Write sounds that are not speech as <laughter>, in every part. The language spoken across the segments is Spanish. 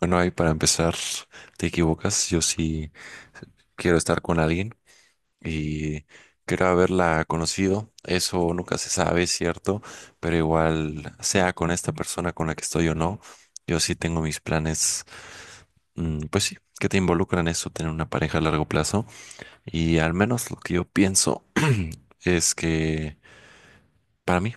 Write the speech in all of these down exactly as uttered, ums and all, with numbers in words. Bueno, ahí para empezar, te equivocas. Yo sí quiero estar con alguien y quiero haberla conocido. Eso nunca se sabe, es cierto, pero igual, sea con esta persona con la que estoy o no, yo sí tengo mis planes, mm, pues sí, que te involucran eso, tener una pareja a largo plazo. Y al menos lo que yo pienso es que para mí,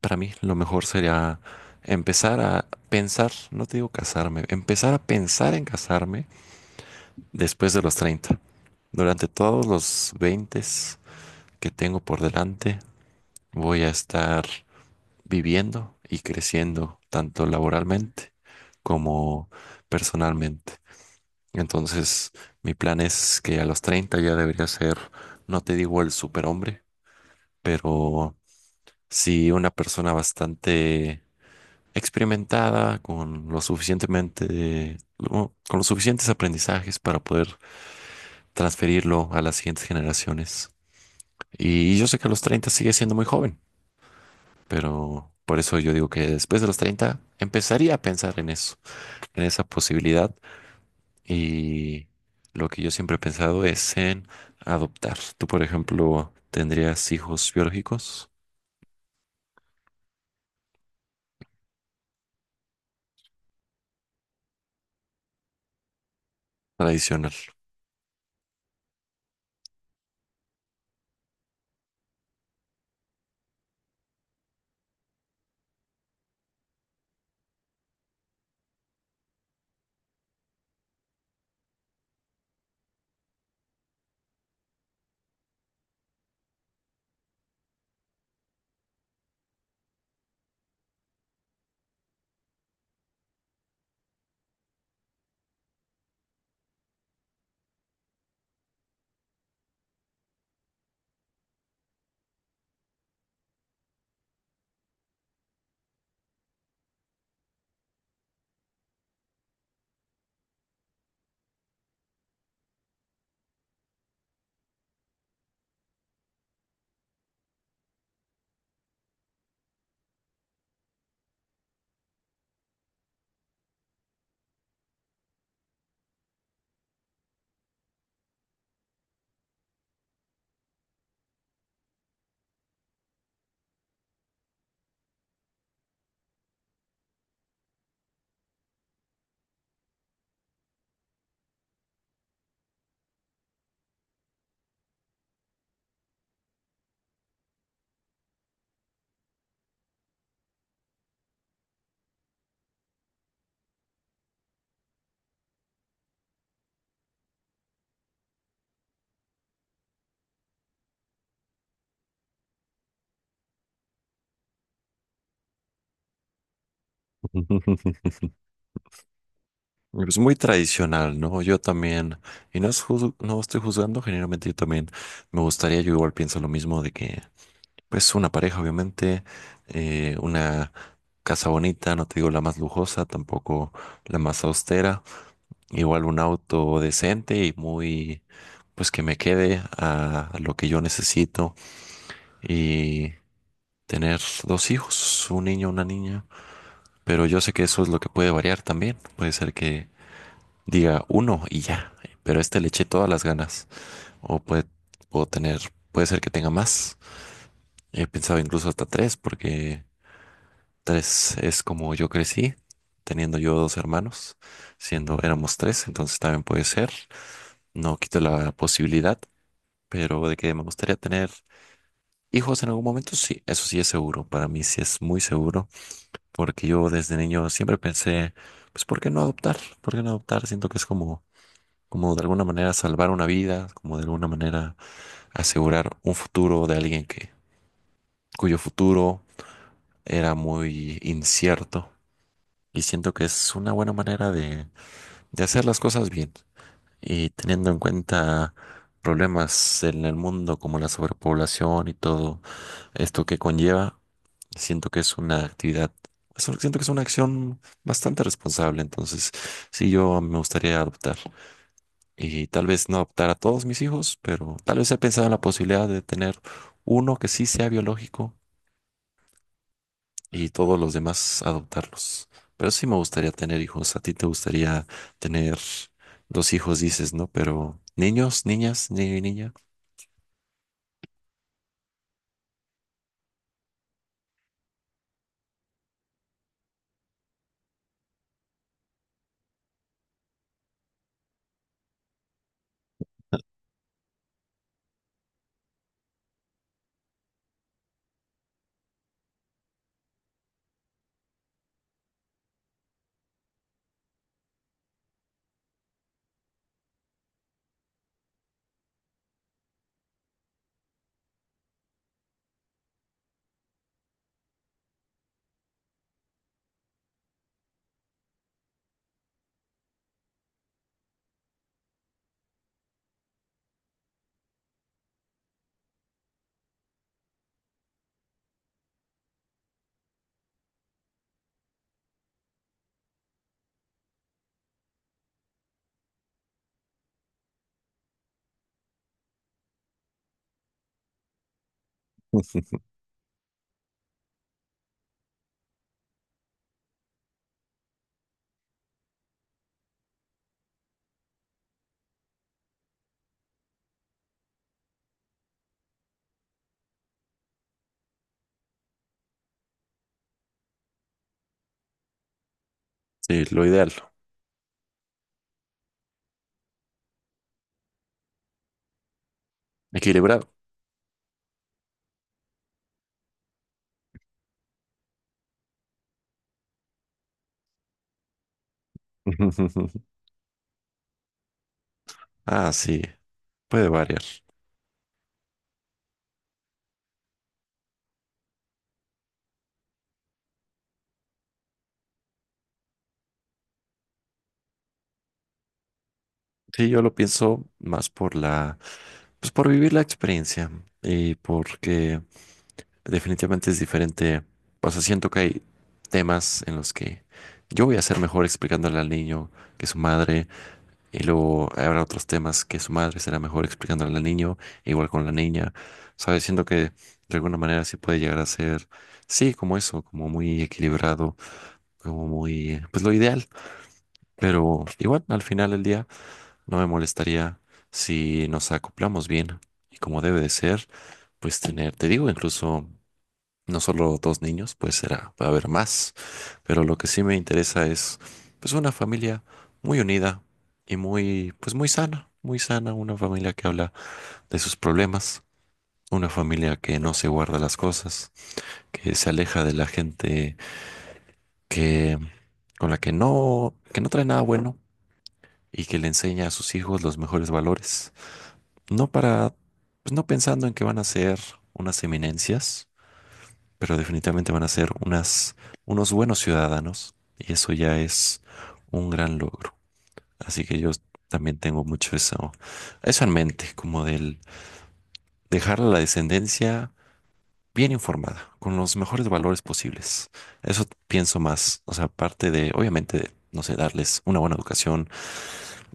para mí, lo mejor sería empezar a pensar, no te digo casarme, empezar a pensar en casarme después de los treinta. Durante todos los veinte que tengo por delante, voy a estar viviendo y creciendo tanto laboralmente como personalmente. Entonces, mi plan es que a los treinta ya debería ser, no te digo el superhombre, pero sí una persona bastante experimentada, con lo suficientemente, lo- con los suficientes aprendizajes para poder transferirlo a las siguientes generaciones. Y yo sé que a los treinta sigue siendo muy joven, pero por eso yo digo que después de los treinta empezaría a pensar en eso, en esa posibilidad. Y lo que yo siempre he pensado es en adoptar. Tú, por ejemplo, ¿tendrías hijos biológicos? Tradicional. <laughs> Es muy tradicional, ¿no? Yo también, y no es juz- no estoy juzgando, generalmente yo también me gustaría, yo igual pienso lo mismo de que pues una pareja, obviamente, eh, una casa bonita, no te digo la más lujosa, tampoco la más austera, igual un auto decente y muy, pues que me quede a, lo que yo necesito y tener dos hijos, un niño, una niña, pero yo sé que eso es lo que puede variar también, puede ser que diga uno y ya, pero a este le eché todas las ganas, o puede, puedo tener, puede ser que tenga más, he pensado incluso hasta tres porque... Tres es como yo crecí, teniendo yo dos hermanos, siendo éramos tres, entonces también puede ser. No quito la posibilidad, pero de que me gustaría tener hijos en algún momento, sí, eso sí es seguro. Para mí sí es muy seguro, porque yo desde niño siempre pensé, pues, ¿por qué no adoptar? ¿Por qué no adoptar? Siento que es como, como de alguna manera salvar una vida, como de alguna manera asegurar un futuro de alguien que, cuyo futuro era muy incierto. Y siento que es una buena manera de de hacer las cosas bien y teniendo en cuenta problemas en el mundo como la sobrepoblación y todo esto que conlleva, siento que es una actividad, es un- siento que es una acción bastante responsable, entonces sí, yo me gustaría adoptar y tal vez no adoptar a todos mis hijos, pero tal vez he pensado en la posibilidad de tener uno que sí sea biológico y todos los demás adoptarlos. Pero sí me gustaría tener hijos. A ti te gustaría tener dos hijos, dices, ¿no? Pero niños, niñas, niño y niña. <laughs> Sí, lo ideal, equilibrado. <laughs> Ah, sí, puede variar. Sí, yo lo pienso más por la, pues por vivir la experiencia y porque definitivamente es diferente. O sea, siento que hay temas en los que yo voy a ser mejor explicándole al niño que su madre. Y luego habrá otros temas que su madre será mejor explicándole al niño, igual con la niña, ¿sabes? Siento que de alguna manera sí puede llegar a ser, sí, como eso, como muy equilibrado, como muy, pues lo ideal. Pero igual, al final del día, no me molestaría si nos acoplamos bien y como debe de ser, pues tener, te digo, incluso no solo dos niños, pues será, va a haber más. Pero lo que sí me interesa es, pues, una familia muy unida y muy, pues, muy sana, muy sana, una familia que habla de sus problemas, una familia que no se guarda las cosas, que se aleja de la gente que, con la que no, que no trae nada bueno y que le enseña a sus hijos los mejores valores. No para, pues, no pensando en que van a ser unas eminencias pero definitivamente van a ser unas, unos buenos ciudadanos y eso ya es un gran logro. Así que yo también tengo mucho eso, eso en mente, como del dejar a la descendencia bien informada, con los mejores valores posibles. Eso pienso más, o sea, aparte de, obviamente, no sé, darles una buena educación,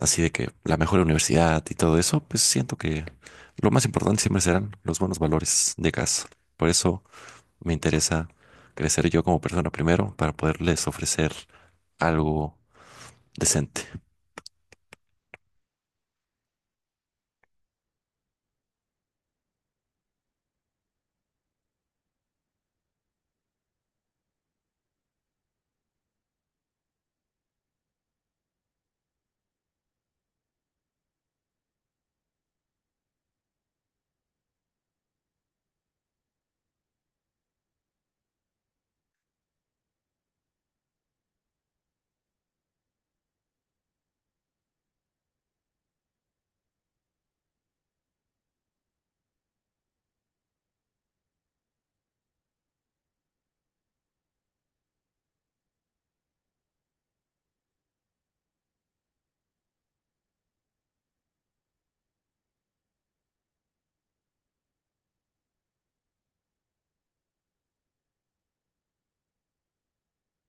así de que la mejor universidad y todo eso, pues siento que lo más importante siempre serán los buenos valores de casa. Por eso... Me interesa crecer yo como persona primero para poderles ofrecer algo decente.